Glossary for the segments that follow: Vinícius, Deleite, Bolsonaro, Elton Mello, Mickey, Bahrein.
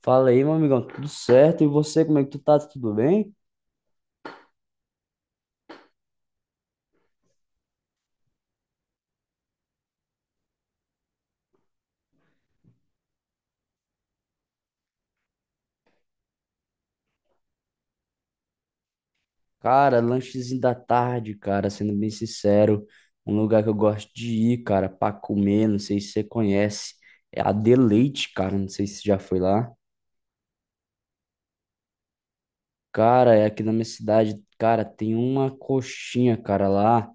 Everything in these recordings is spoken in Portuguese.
Fala aí, meu amigão, tudo certo? E você, como é que tu tá? Tudo bem? Cara, lanchezinho da tarde, cara, sendo bem sincero, um lugar que eu gosto de ir, cara, pra comer, não sei se você conhece, é a Deleite, cara, não sei se você já foi lá. Cara, é aqui na minha cidade, cara, tem uma coxinha, cara, lá,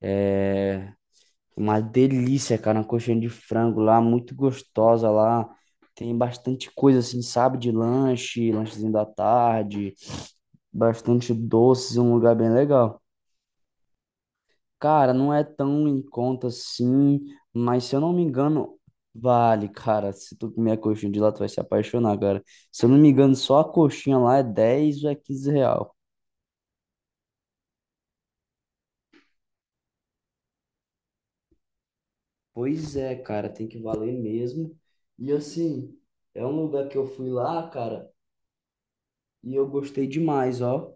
é uma delícia, cara, uma coxinha de frango lá, muito gostosa lá, tem bastante coisa assim, sabe, de lanche, lanchezinho da tarde, bastante doces, um lugar bem legal. Cara, não é tão em conta assim, mas se eu não me engano, vale, cara. Se tu comer a coxinha de lá, tu vai se apaixonar, cara. Se eu não me engano, só a coxinha lá é 10 ou é 15 real. Pois é, cara, tem que valer mesmo. E assim, é um lugar que eu fui lá, cara, e eu gostei demais, ó.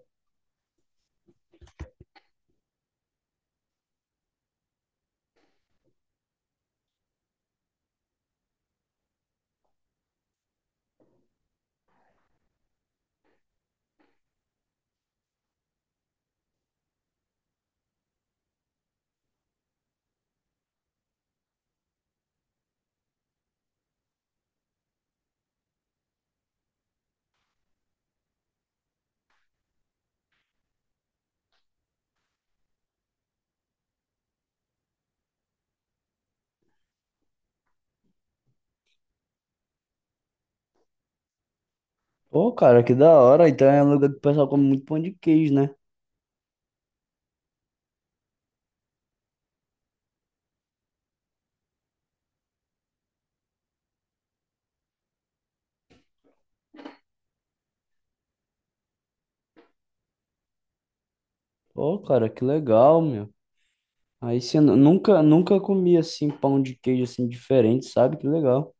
Pô, cara, que da hora. Então é um lugar que o pessoal come muito pão de queijo, né? Pô, cara, que legal, meu. Aí você nunca, nunca comi assim pão de queijo assim diferente, sabe? Que legal.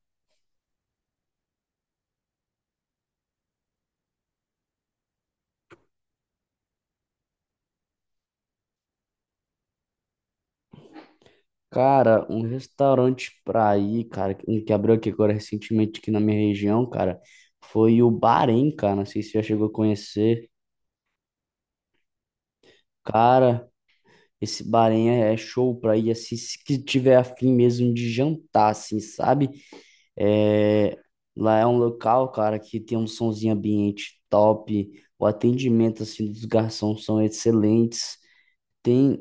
Cara, um restaurante pra ir, cara, um que abriu aqui agora recentemente aqui na minha região, cara, foi o Bahrein, cara. Não sei se você já chegou a conhecer. Cara, esse Bahrein é show pra ir assim, se que tiver afim mesmo de jantar, assim, sabe? É, lá é um local, cara, que tem um sonzinho ambiente top. O atendimento assim dos garçons são excelentes. Tem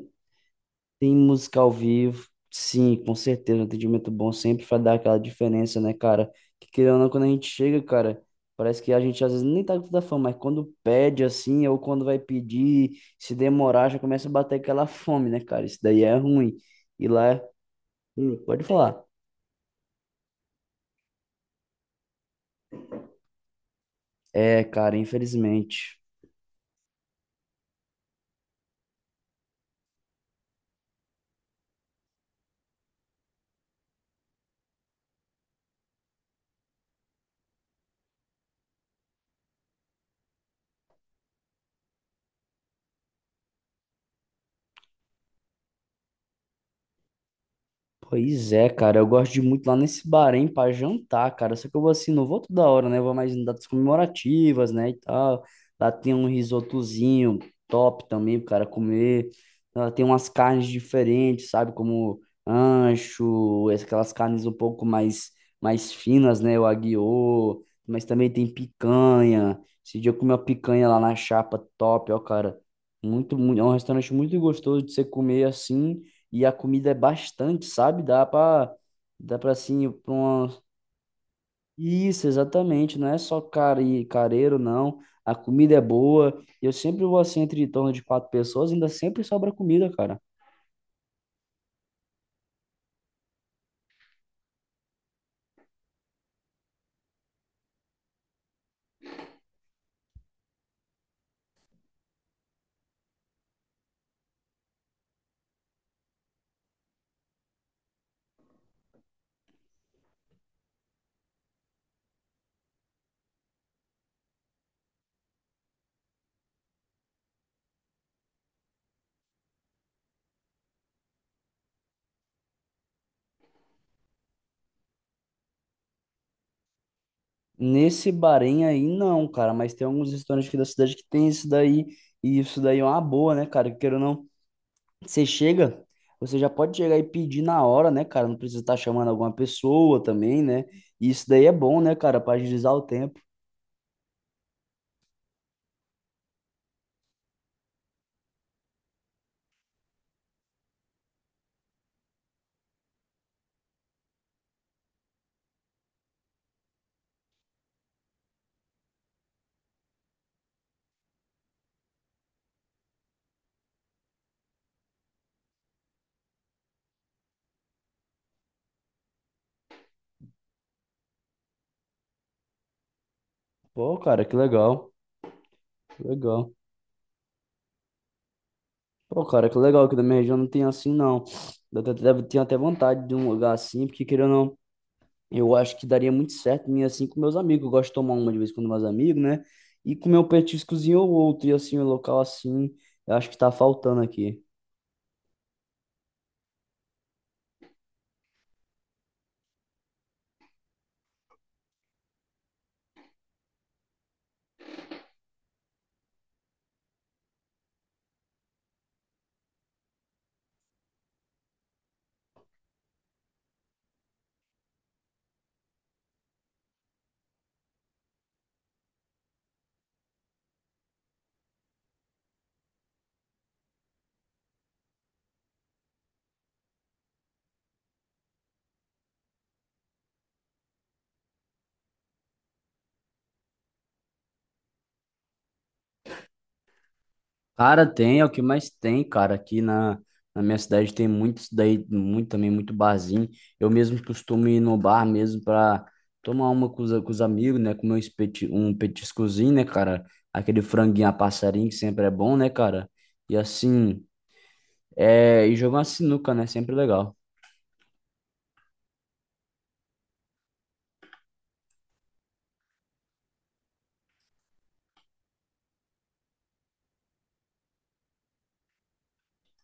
Tem música ao vivo, sim, com certeza. Um atendimento bom sempre vai dar aquela diferença, né, cara? Que querendo ou não, quando a gente chega, cara, parece que a gente às vezes nem tá com tanta fome, mas quando pede assim, ou quando vai pedir, se demorar, já começa a bater aquela fome, né, cara? Isso daí é ruim. E lá, pode falar. É, cara, infelizmente. Pois é, cara, eu gosto de ir muito lá nesse Bahrein pra jantar, cara. Só que eu vou assim, não vou toda hora, né? Eu vou mais em datas comemorativas, né, e tal. Lá tem um risotozinho top também, pro cara comer. Lá tem umas carnes diferentes, sabe? Como ancho, aquelas carnes um pouco mais, mais finas, né? O aguiô, mas também tem picanha. Esse dia eu comi uma picanha lá na chapa top, ó, cara. Muito, muito, é um restaurante muito gostoso de você comer assim. E a comida é bastante, sabe? Dá pra assim, pra uma... Isso, exatamente. Não é só careiro, não. A comida é boa. Eu sempre vou assim, entre em torno de quatro pessoas, ainda sempre sobra comida, cara. Nesse Bahrein aí, não, cara. Mas tem alguns restaurantes aqui da cidade que tem isso daí. E isso daí é uma boa, né, cara? Queira ou não, você chega, você já pode chegar e pedir na hora, né, cara? Não precisa estar chamando alguma pessoa também, né? E isso daí é bom, né, cara? Pra agilizar o tempo. Pô, cara, que legal. Que legal. Pô, cara, que legal que da minha região não tem assim, não. Tenho até vontade de um lugar assim, porque querendo ou não, eu acho que daria muito certo em ir assim com meus amigos. Eu gosto de tomar uma de vez com meus amigos, né? E comer um petiscozinho ou outro, e assim, um local assim, eu acho que tá faltando aqui. Cara, tem, é o que mais tem, cara. Na minha cidade tem muitos daí, muito também, muito barzinho. Eu mesmo costumo ir no bar mesmo pra tomar uma com os amigos, né? Comer um petiscozinho, né, cara? Aquele franguinho a passarinho que sempre é bom, né, cara? E assim, é, e jogar uma sinuca, né? Sempre legal.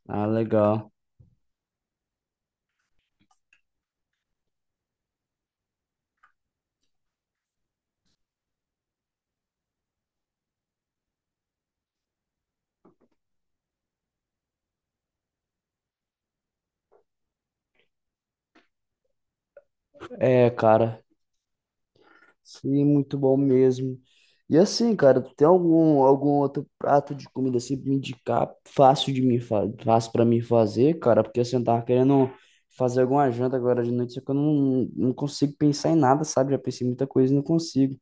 Ah, legal. É, cara. Sim, muito bom mesmo. E assim, cara, tu tem algum outro prato de comida assim pra me indicar, fácil de me fa fácil para mim fazer, cara, porque assim, eu tava querendo fazer alguma janta agora de noite, só que eu não, não consigo pensar em nada, sabe? Já pensei em muita coisa e não consigo.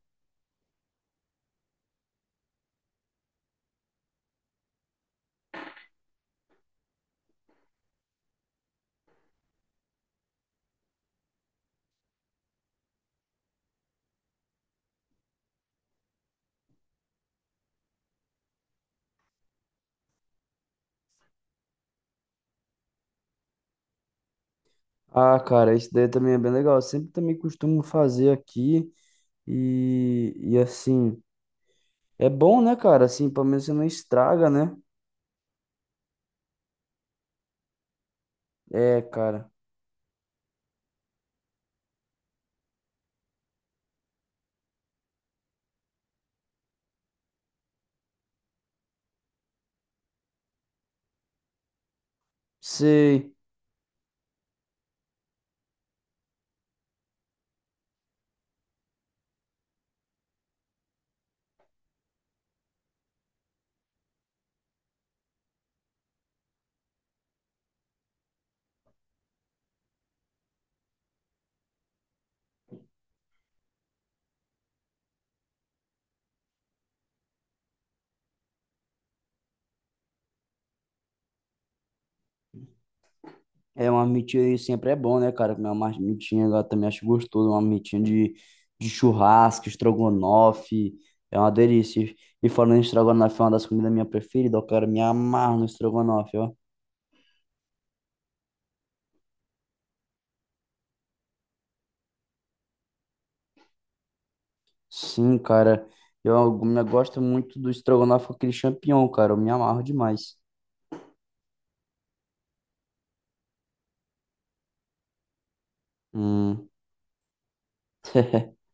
Ah, cara, isso daí também é bem legal. Eu sempre também costumo fazer aqui e assim, é bom, né, cara? Assim, pelo menos você não estraga, né? É, cara. Sei. É, uma mitinha sempre é bom, né, cara? Comer uma mitinha, eu também acho gostoso, uma mitinha de churrasco, estrogonofe, é uma delícia. E falando em estrogonofe, é uma das comidas minha preferida, ó, cara, me amarro no estrogonofe, ó. Sim, cara, eu gosto muito do estrogonofe com aquele champignon, cara, eu me amarro demais. Hum.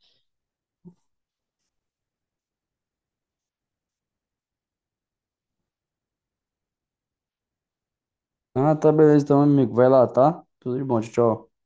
Ah, tá, beleza, então, amigo, vai lá, tá? Tudo de bom, tchau, tchau.